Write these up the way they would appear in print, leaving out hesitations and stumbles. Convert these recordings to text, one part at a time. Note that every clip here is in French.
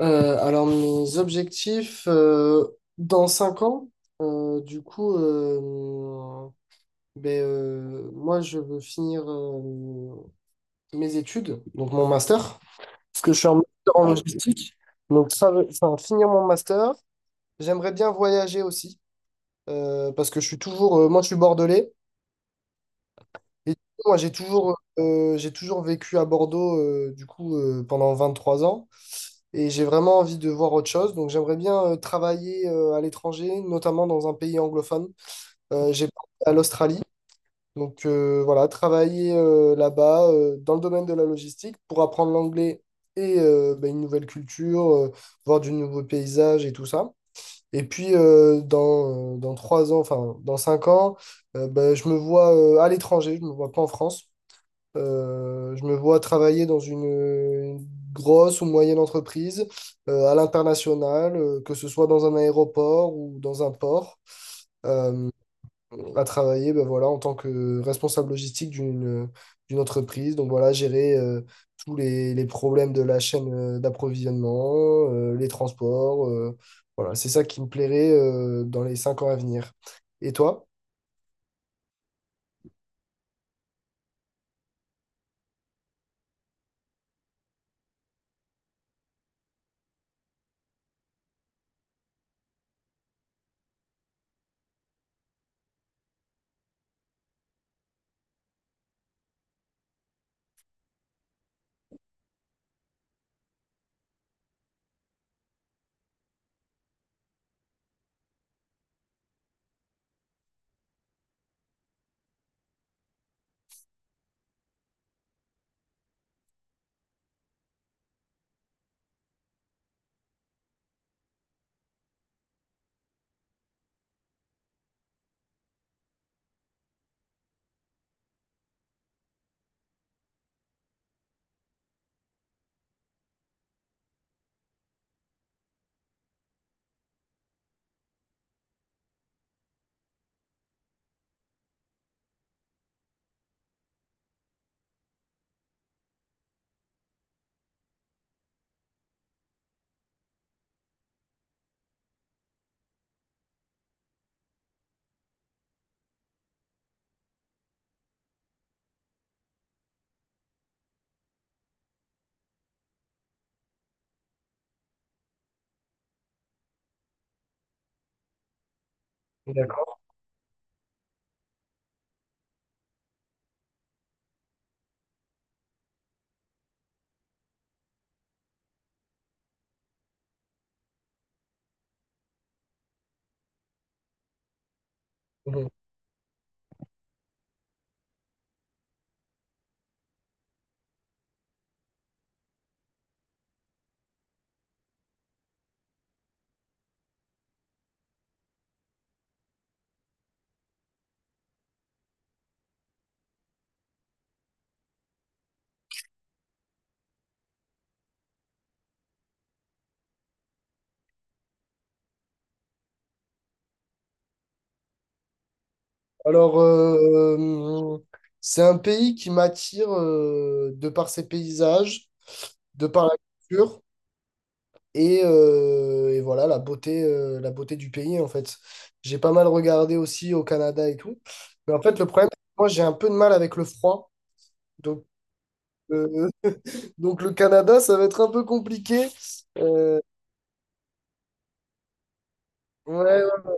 Alors mes objectifs dans 5 ans, euh, du coup, euh, moi je veux finir mes études, donc mon master, parce que je suis en master en logistique, donc ça, enfin, finir mon master, j'aimerais bien voyager aussi, parce que je suis toujours, moi je suis bordelais, et du coup, moi j'ai toujours vécu à Bordeaux, pendant 3 ans. Et j'ai vraiment envie de voir autre chose. Donc j'aimerais bien travailler à l'étranger, notamment dans un pays anglophone. J'ai pensé à l'Australie. Donc voilà, travailler là-bas dans le domaine de la logistique pour apprendre l'anglais et bah, une nouvelle culture, voir du nouveau paysage et tout ça. Et puis dans 3 ans, enfin dans 5 ans, je me vois à l'étranger, je ne me vois pas en France. Je me vois travailler dans une grosse ou moyenne entreprise à l'international, que ce soit dans un aéroport ou dans un port, euh, à travailler ben voilà, en tant que responsable logistique d'une entreprise. Donc voilà, gérer tous les problèmes de la chaîne d'approvisionnement, les transports. Voilà, c'est ça qui me plairait dans les 5 ans à venir. Et toi? D'accord. Alors, c'est un pays qui m'attire de par ses paysages, de par la culture et voilà la beauté du pays en fait. J'ai pas mal regardé aussi au Canada et tout. Mais en fait, le problème, c'est que moi, j'ai un peu de mal avec le froid. Donc, euh, donc le Canada, ça va être un peu compliqué. Euh, ouais, ouais.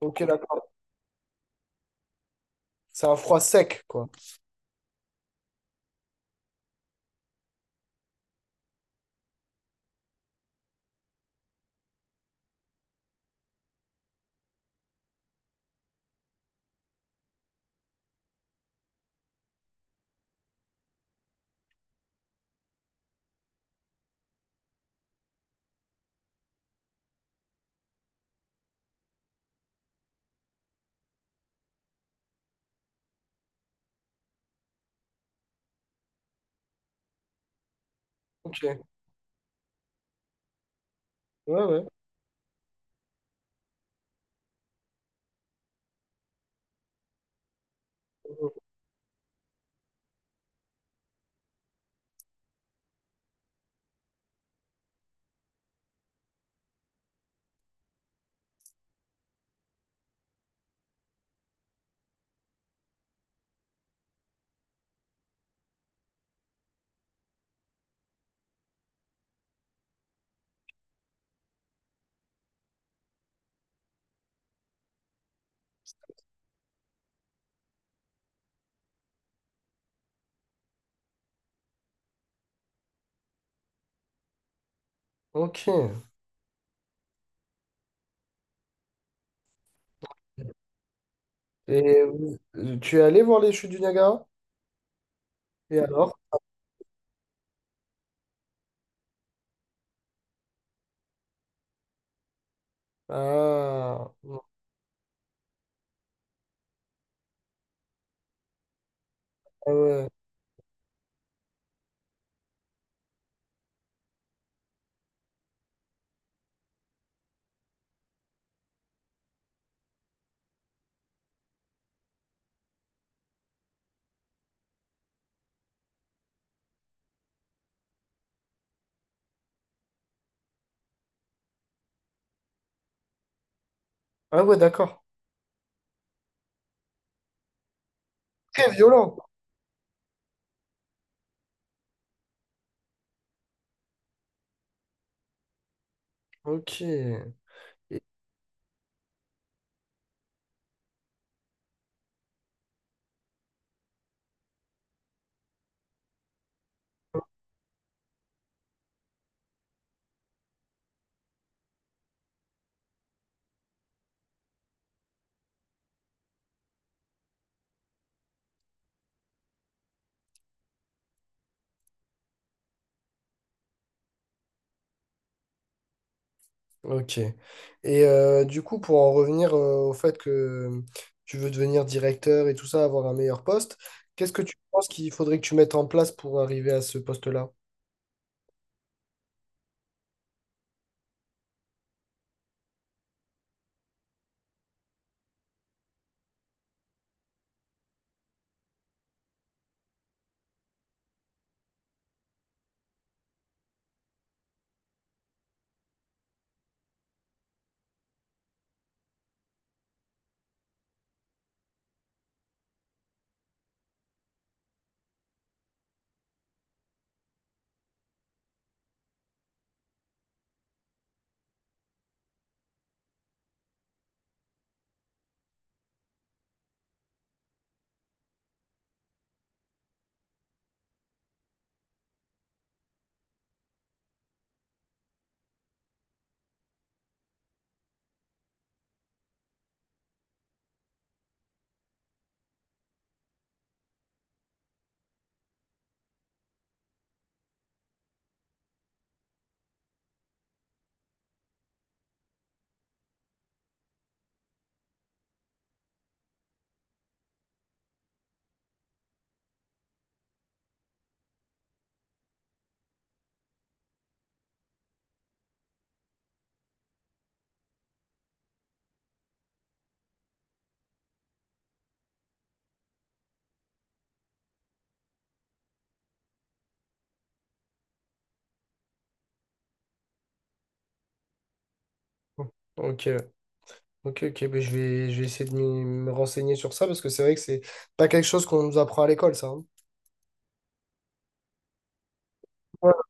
Ok, d'accord. C'est un froid sec, quoi. Ok, ouais, ouais. Ok. Et vous- Tu es allé voir les chutes du Niagara? Et alors? Ah, ah ouais. Ah ouais, d'accord. Très violent. Ok. Ok. Et du coup, pour en revenir au fait que tu veux devenir directeur et tout ça, avoir un meilleur poste, qu'est-ce que tu penses qu'il faudrait que tu mettes en place pour arriver à ce poste-là? Ok, ok, ok. Ben, je vais essayer de me renseigner sur ça parce que c'est vrai que c'est pas quelque chose qu'on nous apprend à l'école, ça. Hein. Ouais.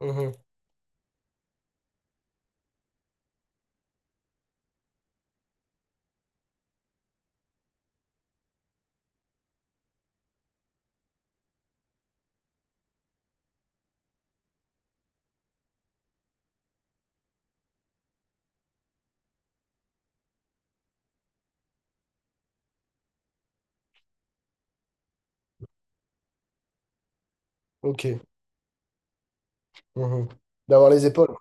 Mhm. Ok. Mhm. D'avoir les épaules.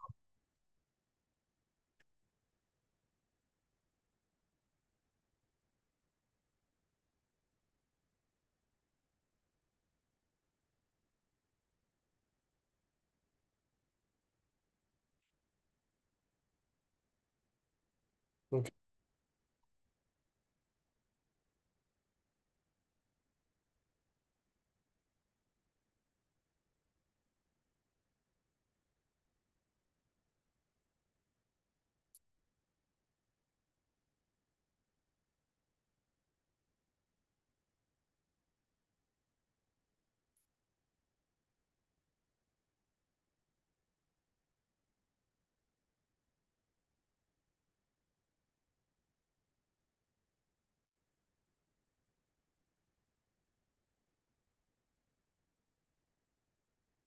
Donc,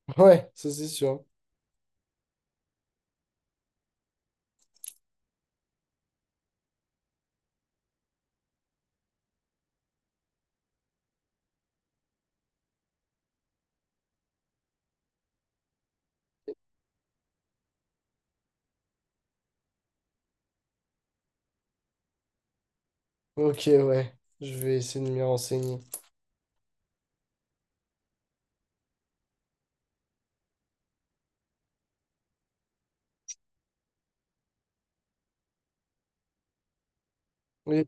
ouais, ça c'est sûr. Ok, ouais, je vais essayer de m'y renseigner. Et